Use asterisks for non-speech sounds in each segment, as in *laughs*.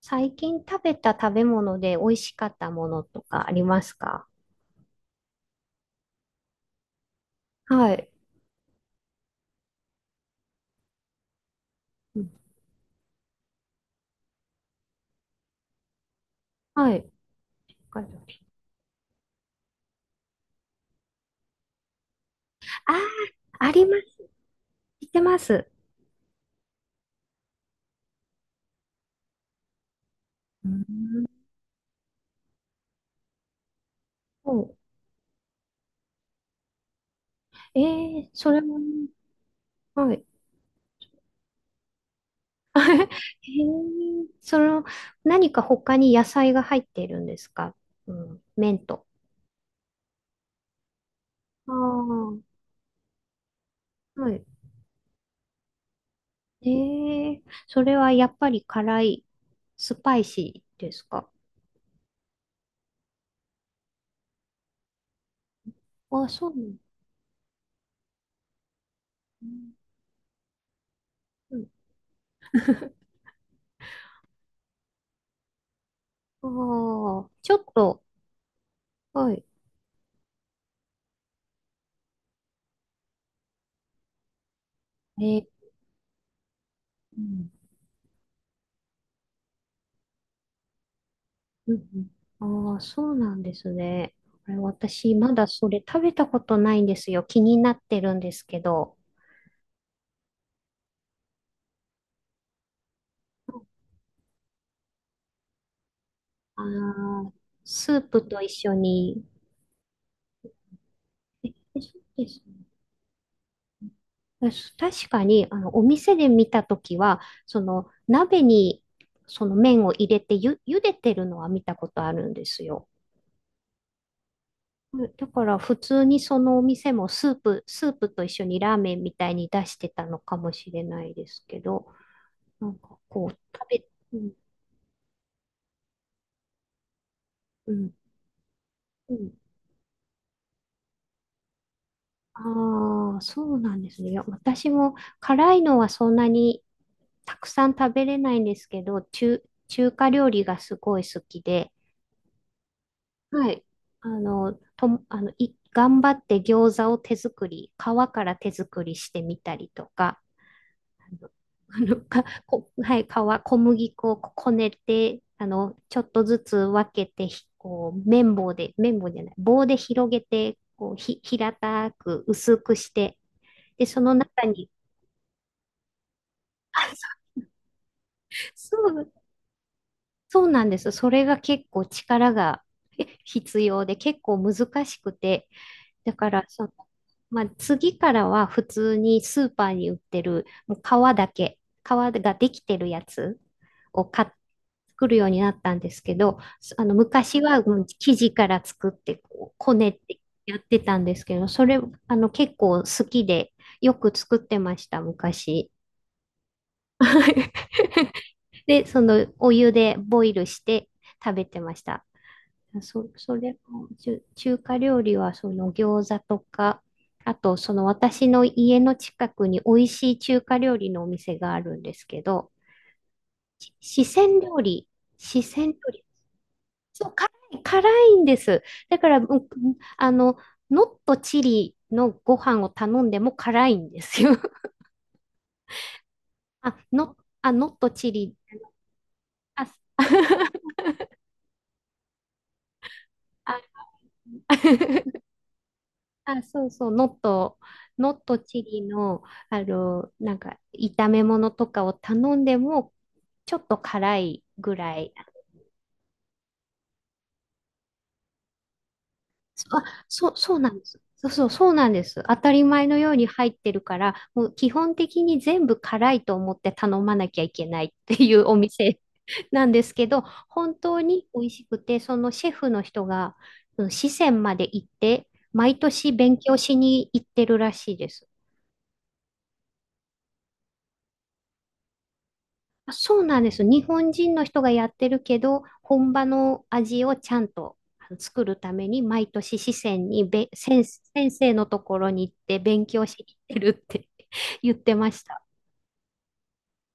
最近食べた食べ物で美味しかったものとかありますか？はい。うん。はい。わかりましたあります。知ってます。うん。そう。えー、それも、はい。*laughs* へえ。その、何か他に野菜が入っているんですか？うん、麺と。ああ、はい。ええ、それはやっぱり辛い、スパイシーですか？あ、そうなんだ。うん、うん。 *laughs* ああ、ちょっと、はい。えー、うん、うん、うん。ああ、そうなんですね。これ私、まだそれ食べたことないんですよ。気になってるんですけど。ああ、スープと一緒に。え、そうですね。確かに、あの、お店で見たときは、その、鍋に、その麺を入れて茹でてるのは見たことあるんですよ。うん、だから、普通にそのお店もスープと一緒にラーメンみたいに出してたのかもしれないですけど。なんかこう、べ、うん、うん、うん。ああ、そうなんですね。いや、私も辛いのはそんなにたくさん食べれないんですけど、中華料理がすごい好きで、はい。あの、とも、あの、い、頑張って餃子を手作り、皮から手作りしてみたりとか、*laughs* はい、皮、小麦粉をこねて、あの、ちょっとずつ分けて、ひこう、綿棒で、綿棒じゃない、棒で広げて、こう、平たく薄くして、で、その中に、あ、そうそうなんです。それが結構力が必要で、結構難しくて、だから、その、まあ、次からは普通にスーパーに売ってる、もう皮だけ、皮ができてるやつを買って作るようになったんですけど、あの、昔はもう生地から作ってこうこねってやってたんですけど、それ、あの結構好きでよく作ってました、昔。*laughs* で、そのお湯でボイルして食べてました。それも中華料理はその餃子とか、あとその私の家の近くに美味しい中華料理のお店があるんですけど、四川料理、四川料理、そう、辛い、辛いんです。だから、うん、あの、ノットチリのご飯を頼んでも辛いんですよ。*laughs* あ、ノ、あ、ノットチリ、あ、*laughs* ああ、そうそう、ノット、ノットチリの、あの、なんか、炒め物とかを頼んでも、ちょっと辛いぐらい。そうなんです。そうなんです。当たり前のように入ってるから、もう基本的に全部辛いと思って頼まなきゃいけないっていうお店 *laughs* なんですけど、本当に美味しくて、そのシェフの人が、その四川まで行って、毎年勉強しに行ってるらしいです。あ、そうなんです。日本人の人がやってるけど、本場の味をちゃんとあの作るために、毎年四川に先生のところに行って勉強しに行ってるって *laughs* 言ってました。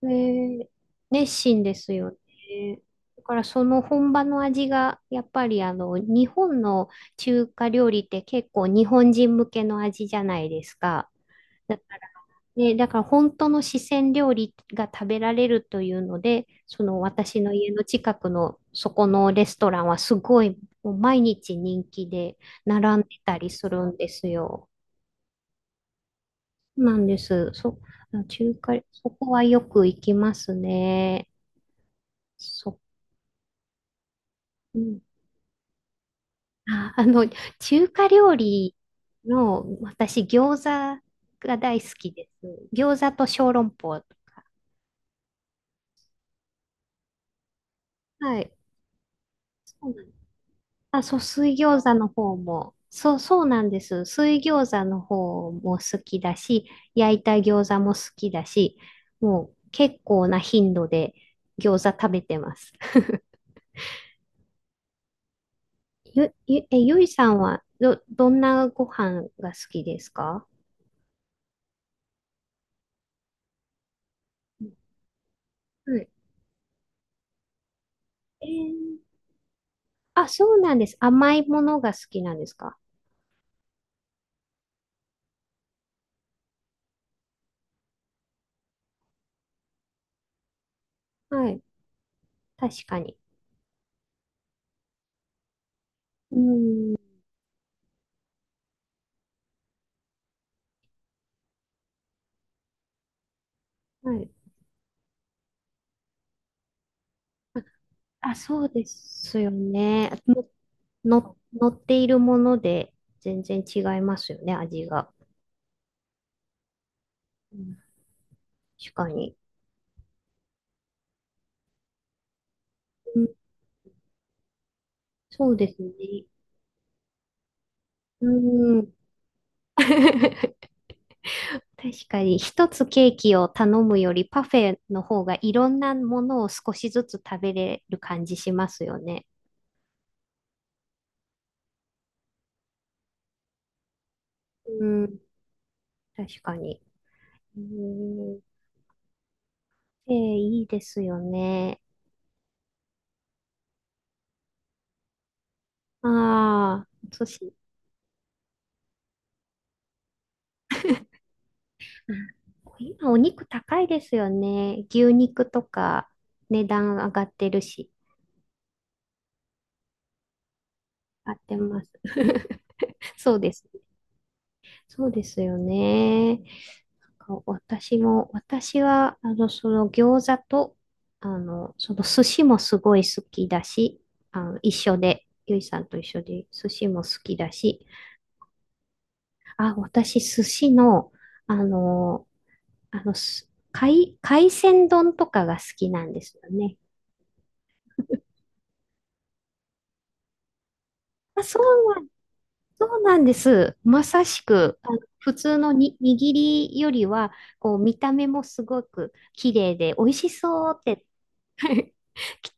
えー、熱心ですよね。だからその本場の味が、やっぱりあの、日本の中華料理って結構日本人向けの味じゃないですか。ね、だから本当の四川料理が食べられるというので、その私の家の近くのそこのレストランはすごいもう毎日人気で並んでたりするんですよ。なんです。中華、そこはよく行きますね。そ、うん、あ、あの、中華料理の私餃子が大好きです。餃子と小籠包とか。はい。そうなんです。あ、そう、水餃子の方も、そう、そうなんです。水餃子の方も好きだし、焼いた餃子も好きだし、もう結構な頻度で餃子食べてます。ゆいさんはどんなご飯が好きですか？はい。えー、あ、そうなんです。甘いものが好きなんですか？はい。確かに。うん。はい。あ、そうですよね。の、乗っているもので全然違いますよね、味が。うん、確かに。うん、そうですね。うん。*laughs* 確かに、一つケーキを頼むよりパフェの方がいろんなものを少しずつ食べれる感じしますよね。うん、確かに。うん、えー、いいですよね。ああ、お寿司。うん、今お肉高いですよね。牛肉とか値段上がってるし。合ってます。*laughs* そうです。そうですよね。なんか私も、私は、あの、その餃子と、あの、その寿司もすごい好きだし、あの、一緒で、ゆいさんと一緒で寿司も好きだし、あ、私寿司の、あの、あの、海鮮丼とかが好きなんですよね。まあ、そう、そうなんです。まさしく、あの普通のに握りよりは、こう、見た目もすごく綺麗で、美味しそうって *laughs*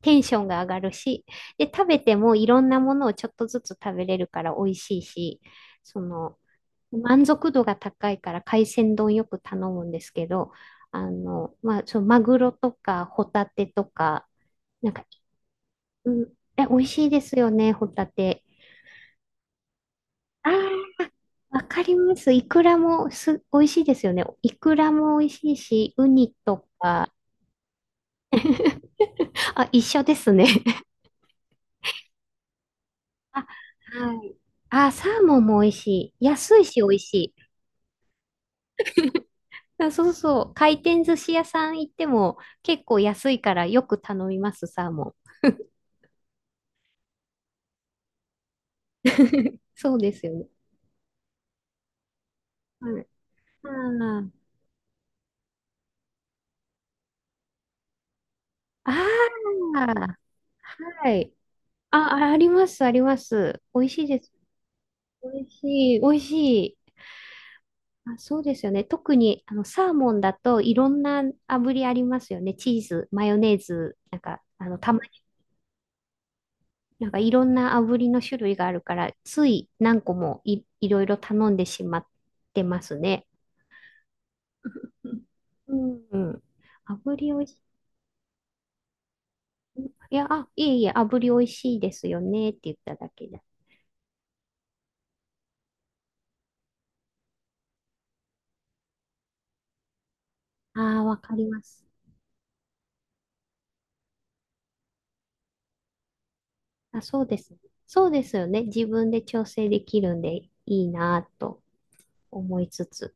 テンションが上がるし、で、食べてもいろんなものをちょっとずつ食べれるから美味しいし、その、満足度が高いから海鮮丼よく頼むんですけど、あの、まあ、そのマグロとかホタテとか、なんか、うん、え、美味しいですよね、ホタテ。ああ、わかります。イクラも美味しいですよね。イクラも美味しいし、ウニとか。*laughs* あ、一緒ですね。*laughs* あ、はい。あ、サーモンも美味しい。安いし美味しい。あ、そうそう。回転寿司屋さん行っても結構安いからよく頼みます、サーモン。そうですよね。はい。ああ、はい。あ、ああります、あります。美味しいです。美味しい、美味しい。あ、そうですよね。特にあのサーモンだといろんな炙りありますよね。チーズ、マヨネーズ、なんか、あの、たまに、なんかいろんな炙りの種類があるから、つい何個もいろいろ頼んでしまってますね。うん、うん、炙りおいしい。いや、あ、いえいえ、炙りおいしいですよねって言っただけで。ああ、わかります。あ、そうです。そうですよね。自分で調整できるんでいいなぁと思いつつ。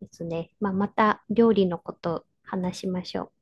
ですね。まあ、また料理のこと話しましょう。